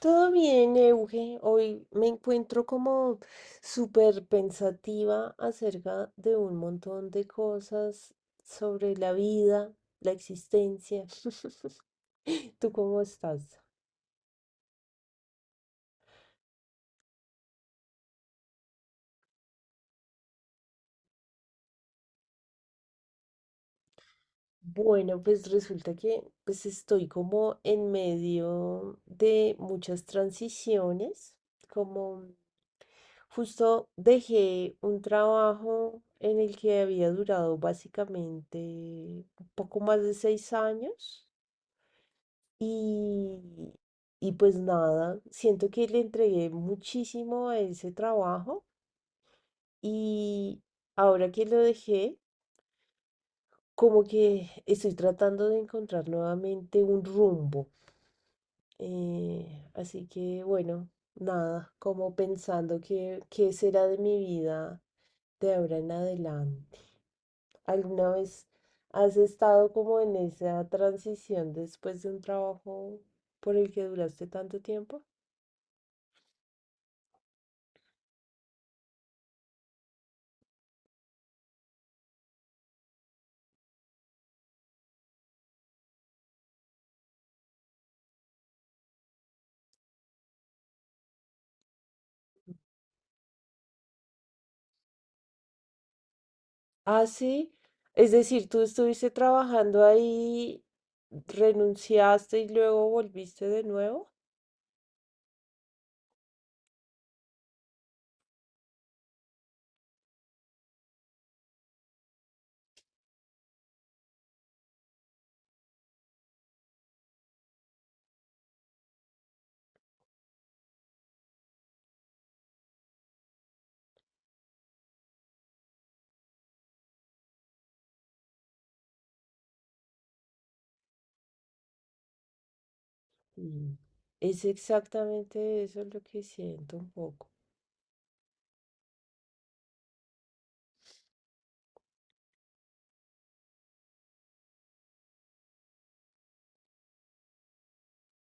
Todo bien, Euge. Hoy me encuentro como súper pensativa acerca de un montón de cosas sobre la vida, la existencia. ¿Tú cómo estás? Bueno, pues resulta que pues estoy como en medio de muchas transiciones, como justo dejé un trabajo en el que había durado básicamente un poco más de 6 años y, y pues nada, siento que le entregué muchísimo a ese trabajo y ahora que lo dejé, como que estoy tratando de encontrar nuevamente un rumbo. Así que bueno, nada, como pensando que qué será de mi vida de ahora en adelante. ¿Alguna vez has estado como en esa transición después de un trabajo por el que duraste tanto tiempo? Ah, sí. Es decir, tú estuviste trabajando ahí, renunciaste y luego volviste de nuevo. Mm. Es exactamente eso lo que siento un poco.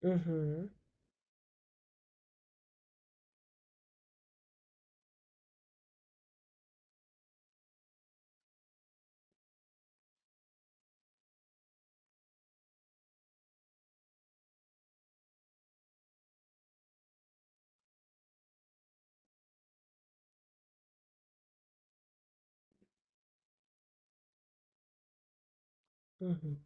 Ujú, ujú,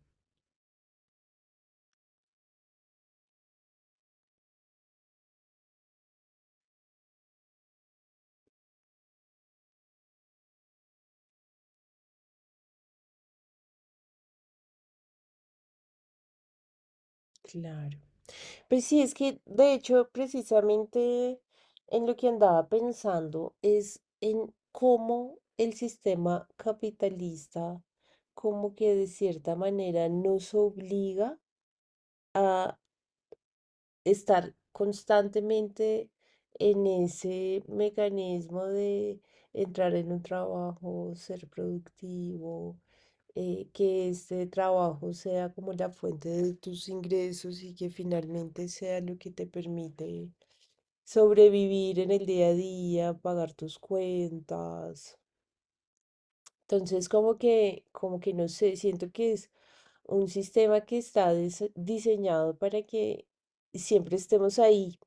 claro. Pues sí, es que de hecho precisamente en lo que andaba pensando es en cómo el sistema capitalista como que de cierta manera nos obliga a estar constantemente en ese mecanismo de entrar en un trabajo, ser productivo, que este trabajo sea como la fuente de tus ingresos y que finalmente sea lo que te permite sobrevivir en el día a día, pagar tus cuentas. Entonces, como que no sé, siento que es un sistema que está diseñado para que siempre estemos ahí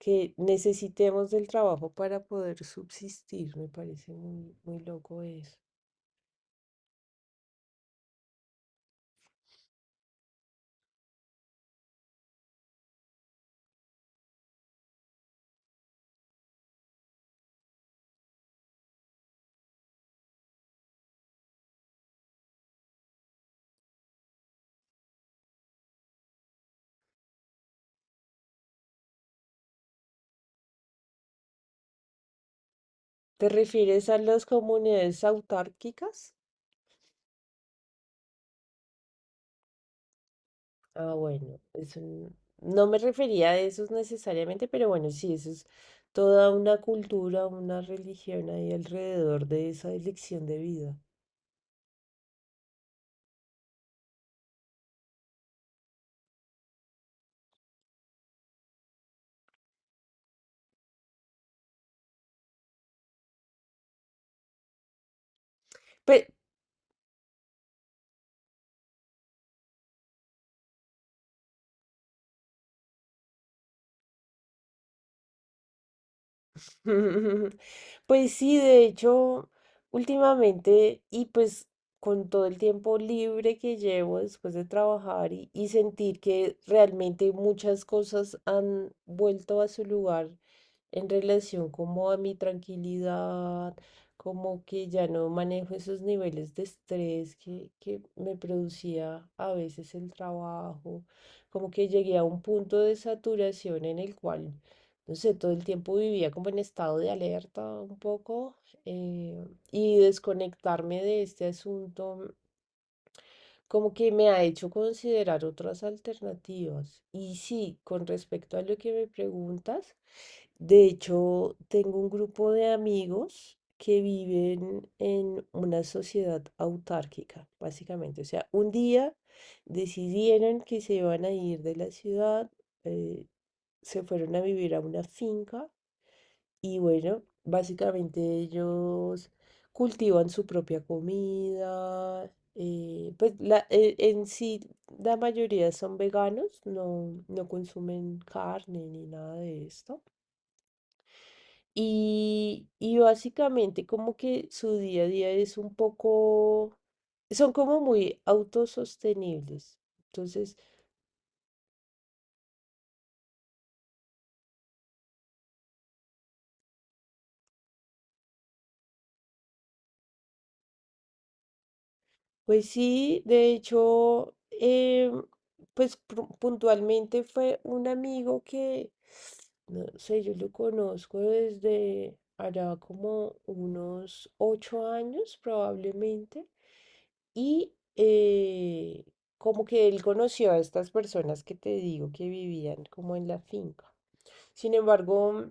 que necesitemos del trabajo para poder subsistir. Me parece muy, muy loco eso. ¿Te refieres a las comunidades autárquicas? Ah, bueno, eso no me refería a esos necesariamente, pero bueno, sí, eso es toda una cultura, una religión ahí alrededor de esa elección de vida. Pe- Pues sí, de hecho, últimamente y pues con todo el tiempo libre que llevo después de trabajar y sentir que realmente muchas cosas han vuelto a su lugar en relación como a mi tranquilidad, como que ya no manejo esos niveles de estrés que me producía a veces el trabajo, como que llegué a un punto de saturación en el cual, no sé, todo el tiempo vivía como en estado de alerta un poco eh, y desconectarme de este asunto como que me ha hecho considerar otras alternativas. Y sí, con respecto a lo que me preguntas, de hecho, tengo un grupo de amigos que viven en una sociedad autárquica, básicamente. O sea, un día decidieron que se iban a ir de la ciudad, eh, se fueron a vivir a una finca y bueno, básicamente ellos cultivan su propia comida. En sí, la mayoría son veganos, no, no consumen carne ni nada de esto. Y básicamente como que su día a día es un poco, son como muy autosostenibles. Entonces, pues sí, de hecho, puntualmente fue un amigo que, no sé, yo lo conozco desde allá como unos 8 años probablemente, y como que él conoció a estas personas que te digo que vivían como en la finca. Sin embargo,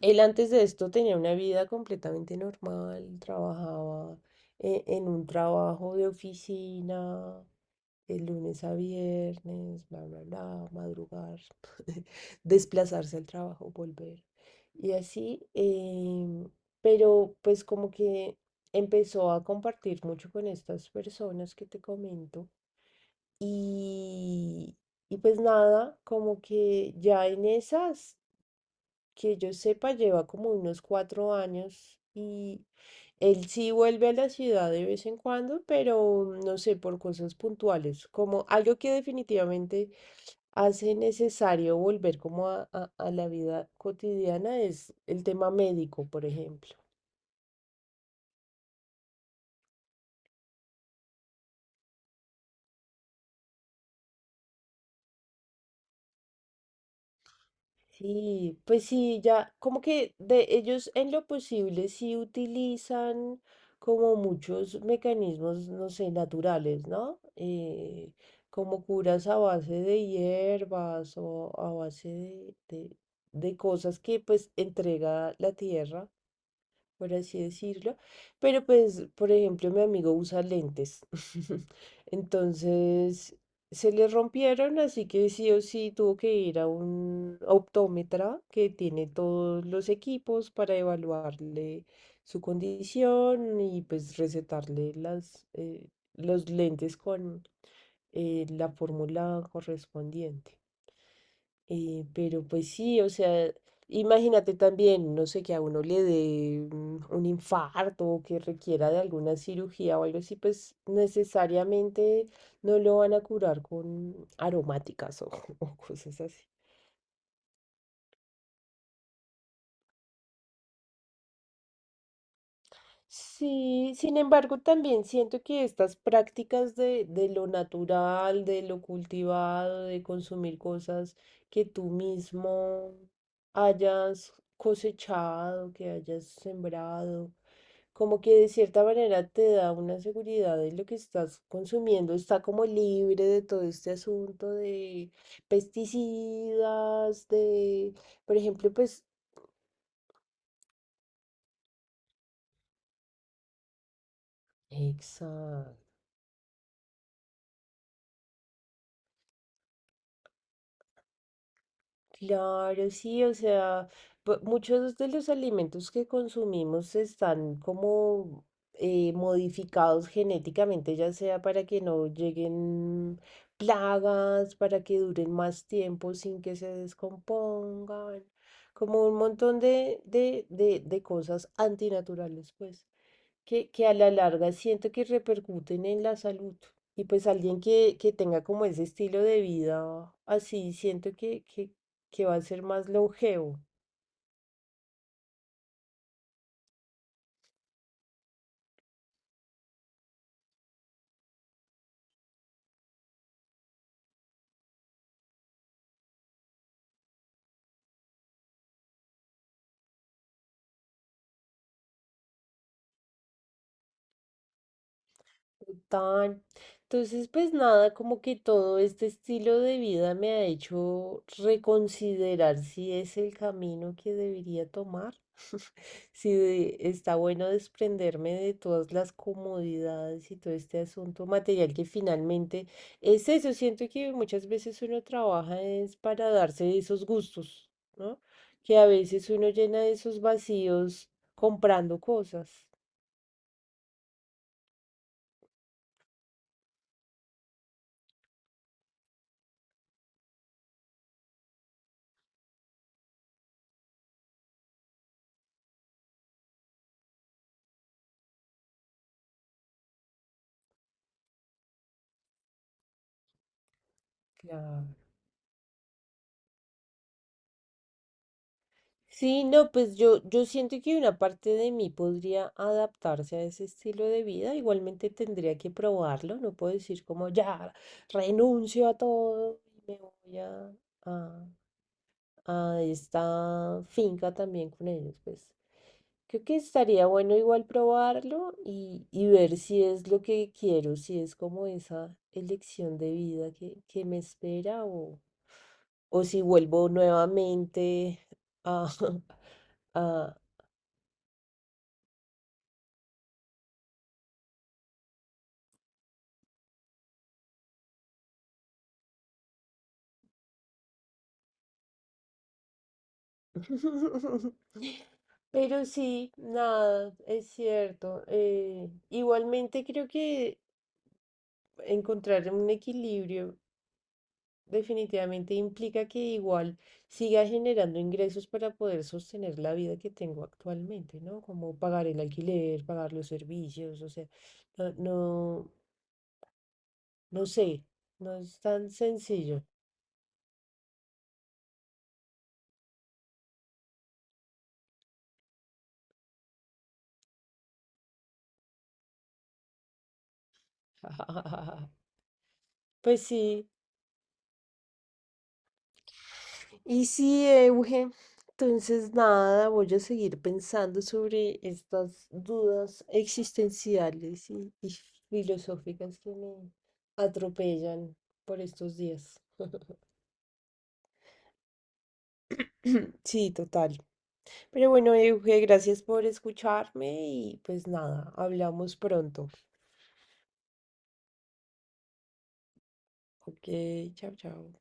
él antes de esto tenía una vida completamente normal, trabajaba en un trabajo de oficina de lunes a viernes, bla, bla, bla, madrugar, desplazarse al trabajo, volver. Y así, pero pues como que empezó a compartir mucho con estas personas que te comento. Y, y pues nada, como que ya en esas que yo sepa, lleva como unos 4 años y él sí vuelve a la ciudad de vez en cuando, pero no sé, por cosas puntuales, como algo que definitivamente hace necesario volver como a la vida cotidiana es el tema médico, por ejemplo. Sí, pues sí, ya como que de ellos en lo posible sí utilizan como muchos mecanismos, no sé, naturales, ¿no? Como curas a base de hierbas o a base de, de cosas que pues entrega la tierra por así decirlo. Pero pues, por ejemplo, mi amigo usa lentes. Entonces, se le rompieron, así que sí o sí tuvo que ir a un optómetra que tiene todos los equipos para evaluarle su condición y pues recetarle las, los lentes con la fórmula correspondiente. Pero pues sí, o sea, imagínate también, no sé, que a uno le dé un infarto o que requiera de alguna cirugía o algo así, pues necesariamente no lo van a curar con aromáticas o, o cosas así. Sí, sin embargo, también siento que estas prácticas de lo natural, de lo cultivado, de consumir cosas que tú mismo hayas cosechado, que hayas sembrado, como que de cierta manera te da una seguridad de lo que estás consumiendo, está como libre de todo este asunto de pesticidas, de, por ejemplo, pues... Exacto. Claro, sí, o sea, muchos de los alimentos que consumimos están como modificados genéticamente, ya sea para que no lleguen plagas, para que duren más tiempo sin que se descompongan, como un montón de cosas antinaturales, pues que a la larga siento que repercuten en la salud. Y pues alguien que, tenga como ese estilo de vida así, siento que va a ser más longevo. Total. Entonces, pues nada, como que todo este estilo de vida me ha hecho reconsiderar si es el camino que debería tomar. Sí, está bueno desprenderme de todas las comodidades y todo este asunto material que finalmente es eso. Siento que muchas veces uno trabaja es para darse esos gustos, ¿no? Que a veces uno llena esos vacíos comprando cosas. Claro. Sí, no, pues yo siento que una parte de mí podría adaptarse a ese estilo de vida. Igualmente tendría que probarlo. No puedo decir como ya renuncio a todo y me voy a, a esta finca también con ellos. Pues creo que estaría bueno igual probarlo y ver si es lo que quiero, si es como esa elección de vida que me espera o si vuelvo nuevamente a, a- Pero sí, nada, es cierto. Igualmente creo que encontrar un equilibrio definitivamente implica que igual siga generando ingresos para poder sostener la vida que tengo actualmente, ¿no? Como pagar el alquiler, pagar los servicios, o sea, no, no, no sé, no es tan sencillo. Pues sí. Y sí, Euge, entonces nada, voy a seguir pensando sobre estas dudas existenciales y filosóficas que me atropellan por estos días. Sí, total. Pero bueno, Euge, gracias por escucharme y pues nada, hablamos pronto. Ok, chao, chao.